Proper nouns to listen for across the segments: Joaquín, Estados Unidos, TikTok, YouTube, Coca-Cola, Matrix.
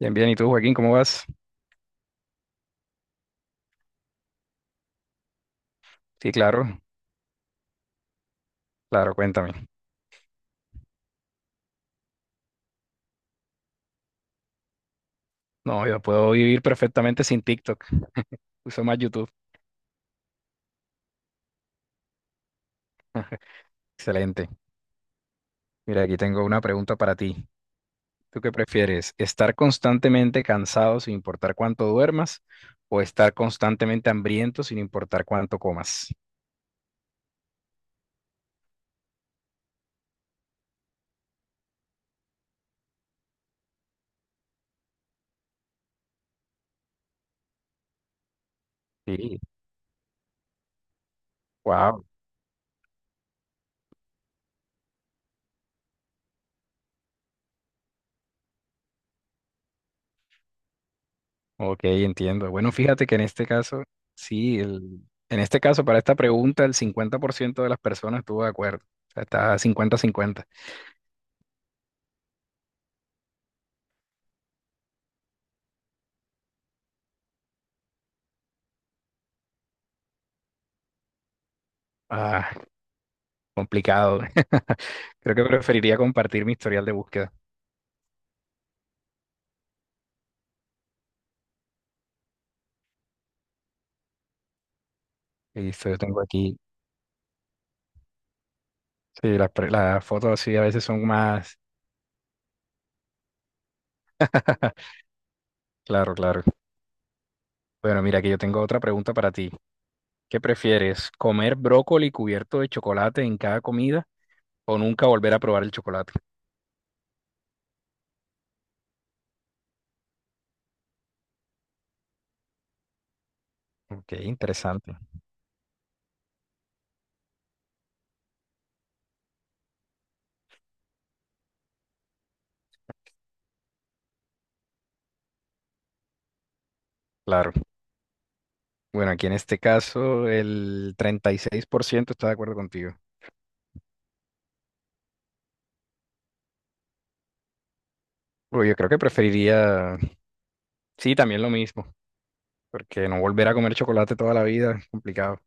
Bien, bien. ¿Y tú, Joaquín, cómo vas? Sí, claro, claro, cuéntame. No, yo puedo vivir perfectamente sin TikTok. Uso más YouTube. Excelente. Mira, aquí tengo una pregunta para ti. ¿Tú qué prefieres? ¿Estar constantemente cansado sin importar cuánto duermas o estar constantemente hambriento sin importar cuánto comas? Sí. Wow. Ok, entiendo. Bueno, fíjate que en este caso, sí, en este caso, para esta pregunta, el 50% de las personas estuvo de acuerdo. O sea, está 50-50. Ah, complicado. Creo que preferiría compartir mi historial de búsqueda. Listo, yo tengo aquí. Sí, las fotos así a veces son más. Claro, claro. Bueno, mira, que yo tengo otra pregunta para ti. ¿Qué prefieres? ¿Comer brócoli cubierto de chocolate en cada comida o nunca volver a probar el chocolate? Ok, interesante. Claro. Bueno, aquí en este caso el 36% está de acuerdo contigo. Uy, yo creo que preferiría, sí, también lo mismo, porque no volver a comer chocolate toda la vida es complicado.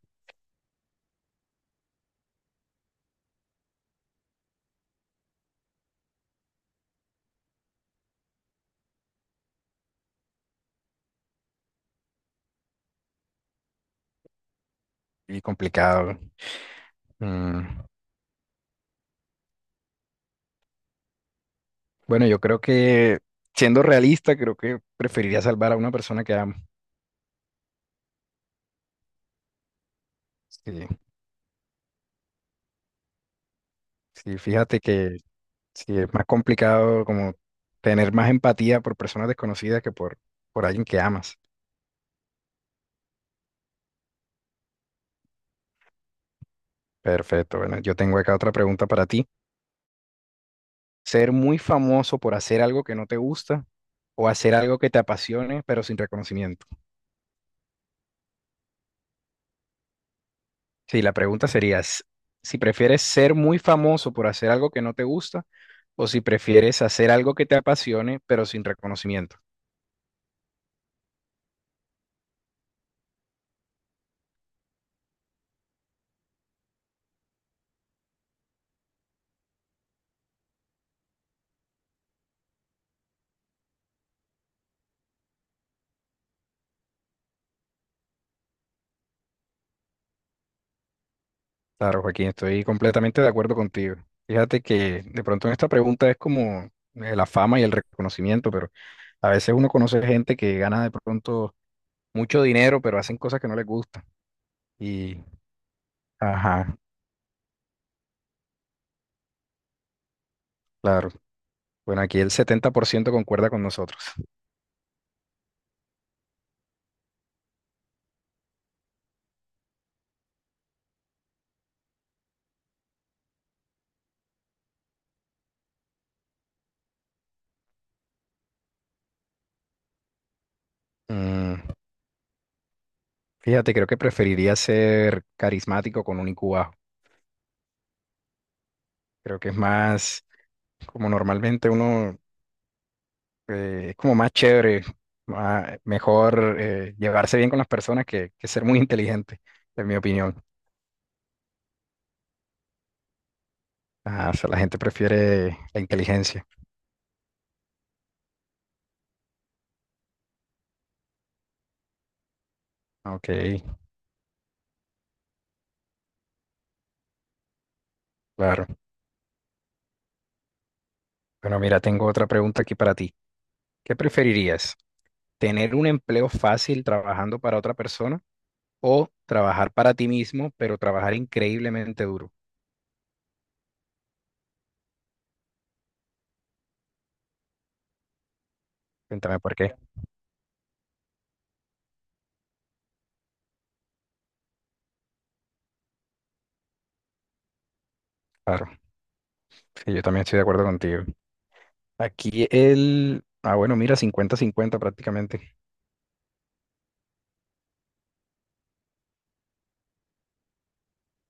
Y complicado. Mm, Bueno, yo creo que, siendo realista, creo que preferiría salvar a una persona que amo. Sí, sí, fíjate que sí, es más complicado como tener más empatía por personas desconocidas que por alguien que amas. Perfecto. Bueno, yo tengo acá otra pregunta para ti. ¿Ser muy famoso por hacer algo que no te gusta o hacer algo que te apasione pero sin reconocimiento? Sí, la pregunta sería si prefieres ser muy famoso por hacer algo que no te gusta o si prefieres hacer algo que te apasione pero sin reconocimiento. Claro, Joaquín, estoy completamente de acuerdo contigo. Fíjate que de pronto en esta pregunta es como la fama y el reconocimiento, pero a veces uno conoce gente que gana de pronto mucho dinero pero hacen cosas que no les gustan. Y, ajá, claro. Bueno, aquí el 70% concuerda con nosotros. Mm, fíjate, creo que preferiría ser carismático con un IQ bajo. Creo que es más como normalmente uno, es como más chévere, mejor llevarse bien con las personas que ser muy inteligente, en mi opinión. Ah, o sea, la gente prefiere la inteligencia. Ok, claro. Bueno, mira, tengo otra pregunta aquí para ti. ¿Qué preferirías? ¿Tener un empleo fácil trabajando para otra persona o trabajar para ti mismo, pero trabajar increíblemente duro? Cuéntame por qué. Claro, sí, yo también estoy de acuerdo contigo. Ah, bueno, mira, 50-50 prácticamente.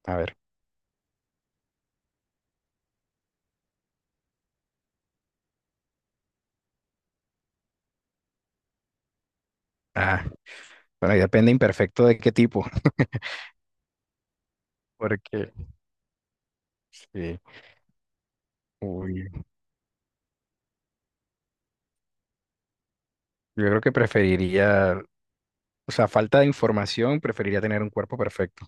A ver. Ah, bueno, ahí depende imperfecto de qué tipo, porque sí. Uy, yo creo que preferiría, o sea, falta de información, preferiría tener un cuerpo perfecto.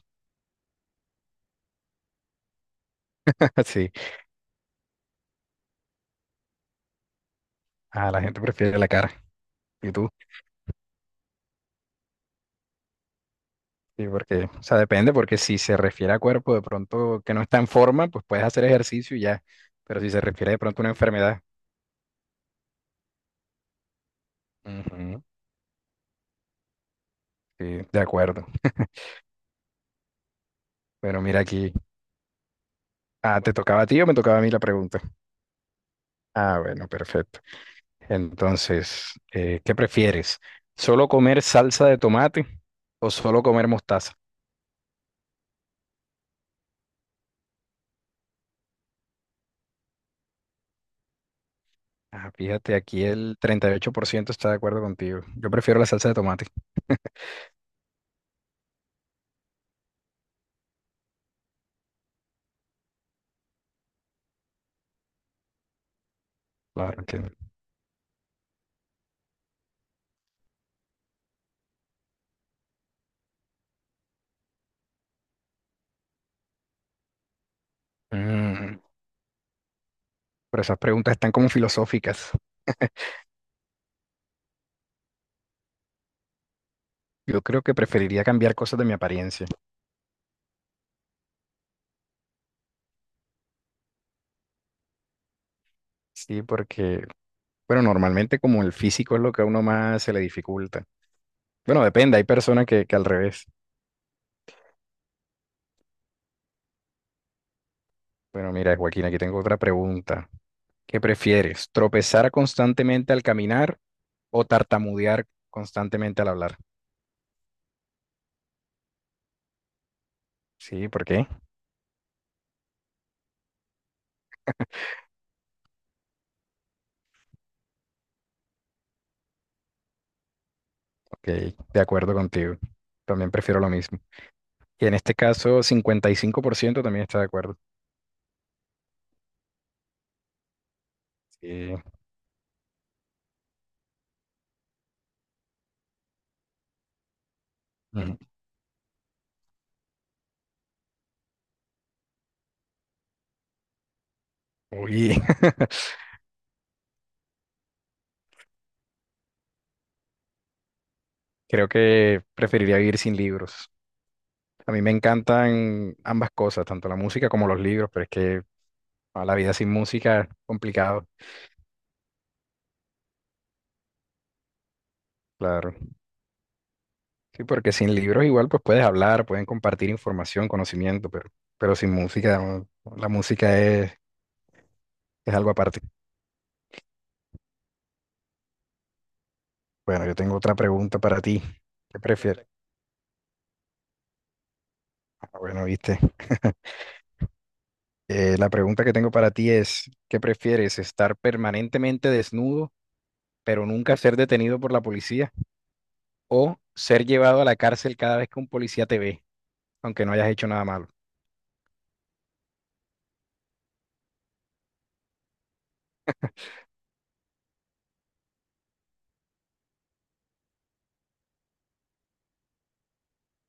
Sí. Ah, la gente prefiere la cara. ¿Y tú? Sí, porque, o sea, depende, porque si se refiere a cuerpo de pronto que no está en forma, pues puedes hacer ejercicio y ya. Pero si se refiere de pronto a una enfermedad. Ujú, sí, de acuerdo. Pero mira aquí. Ah, ¿te tocaba a ti o me tocaba a mí la pregunta? Ah, bueno, perfecto. Entonces, ¿qué prefieres? ¿Solo comer salsa de tomate o solo comer mostaza? Ah, fíjate, aquí el 38% está de acuerdo contigo. Yo prefiero la salsa de tomate. Claro, entiendo. Mm, pero esas preguntas están como filosóficas. Yo creo que preferiría cambiar cosas de mi apariencia. Sí, porque, bueno, normalmente como el físico es lo que a uno más se le dificulta. Bueno, depende, hay personas que al revés. Bueno, mira, Joaquín, aquí tengo otra pregunta. ¿Qué prefieres? ¿Tropezar constantemente al caminar o tartamudear constantemente al hablar? Sí, ¿por qué? Ok, de acuerdo contigo. También prefiero lo mismo. Y en este caso, 55% también está de acuerdo. Sí. Ujú. Uy, creo que preferiría vivir sin libros. A mí me encantan ambas cosas, tanto la música como los libros, pero es que a la vida sin música es complicado. Claro. Sí, porque sin libros igual pues puedes hablar, pueden compartir información, conocimiento, pero sin música, no, la música es algo aparte. Bueno, yo tengo otra pregunta para ti. ¿Qué prefieres? Ah, bueno, viste. La pregunta que tengo para ti es, ¿qué prefieres? ¿Estar permanentemente desnudo, pero nunca ser detenido por la policía? ¿O ser llevado a la cárcel cada vez que un policía te ve, aunque no hayas hecho nada malo?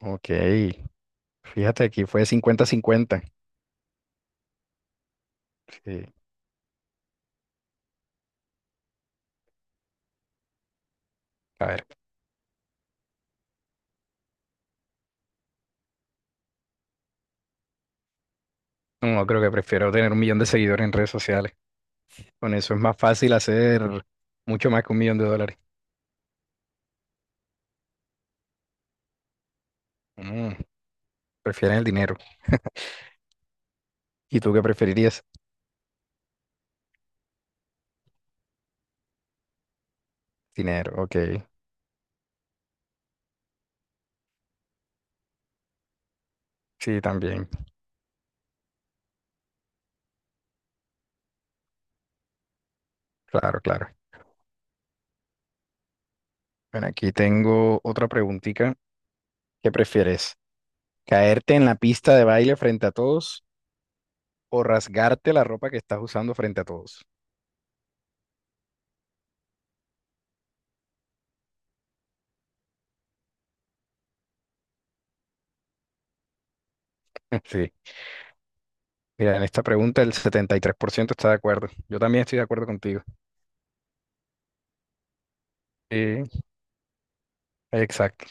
Ok, fíjate, aquí fue 50-50. Sí, a ver. No, creo que prefiero tener 1 millón de seguidores en redes sociales. Con eso es más fácil hacer mucho más que 1 millón de dólares. Mm, prefieren el dinero. ¿Y tú qué preferirías? Dinero, ok. Sí, también. Claro, claro. Bueno, aquí tengo otra preguntita. ¿Qué prefieres? ¿Caerte en la pista de baile frente a todos o rasgarte la ropa que estás usando frente a todos? Sí. Mira, en esta pregunta el 73% está de acuerdo. Yo también estoy de acuerdo contigo. Sí, exacto.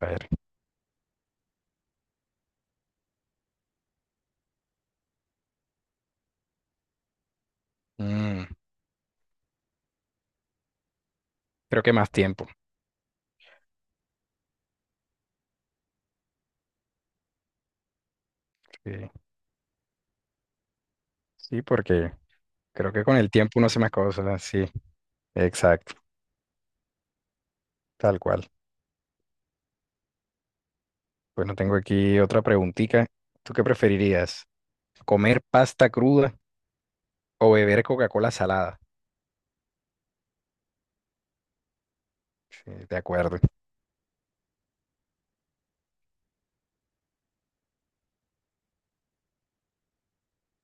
A ver. Mm, creo que más tiempo. Sí, sí, porque creo que con el tiempo uno hace más cosas, sí, exacto, tal cual. Bueno, tengo aquí otra preguntita. ¿Tú qué preferirías? ¿Comer pasta cruda o beber Coca-Cola salada? Sí, de acuerdo.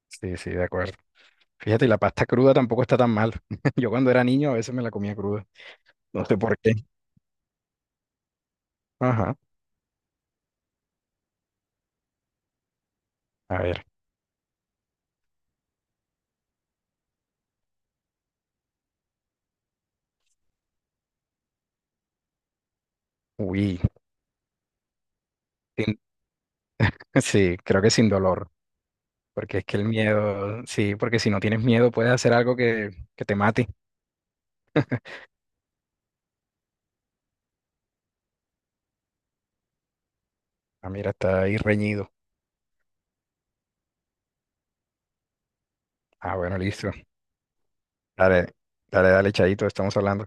Sí, sí, de acuerdo. Fíjate, y la pasta cruda tampoco está tan mal. Yo cuando era niño a veces me la comía cruda. No sé por qué. Ajá. A ver. Uy. sin- Sí, creo que sin dolor. Porque es que el miedo, sí, porque si no tienes miedo puedes hacer algo que te mate. Ah, mira, está ahí reñido. Ah, bueno, listo. Dale, dale, dale, Chaito, estamos hablando.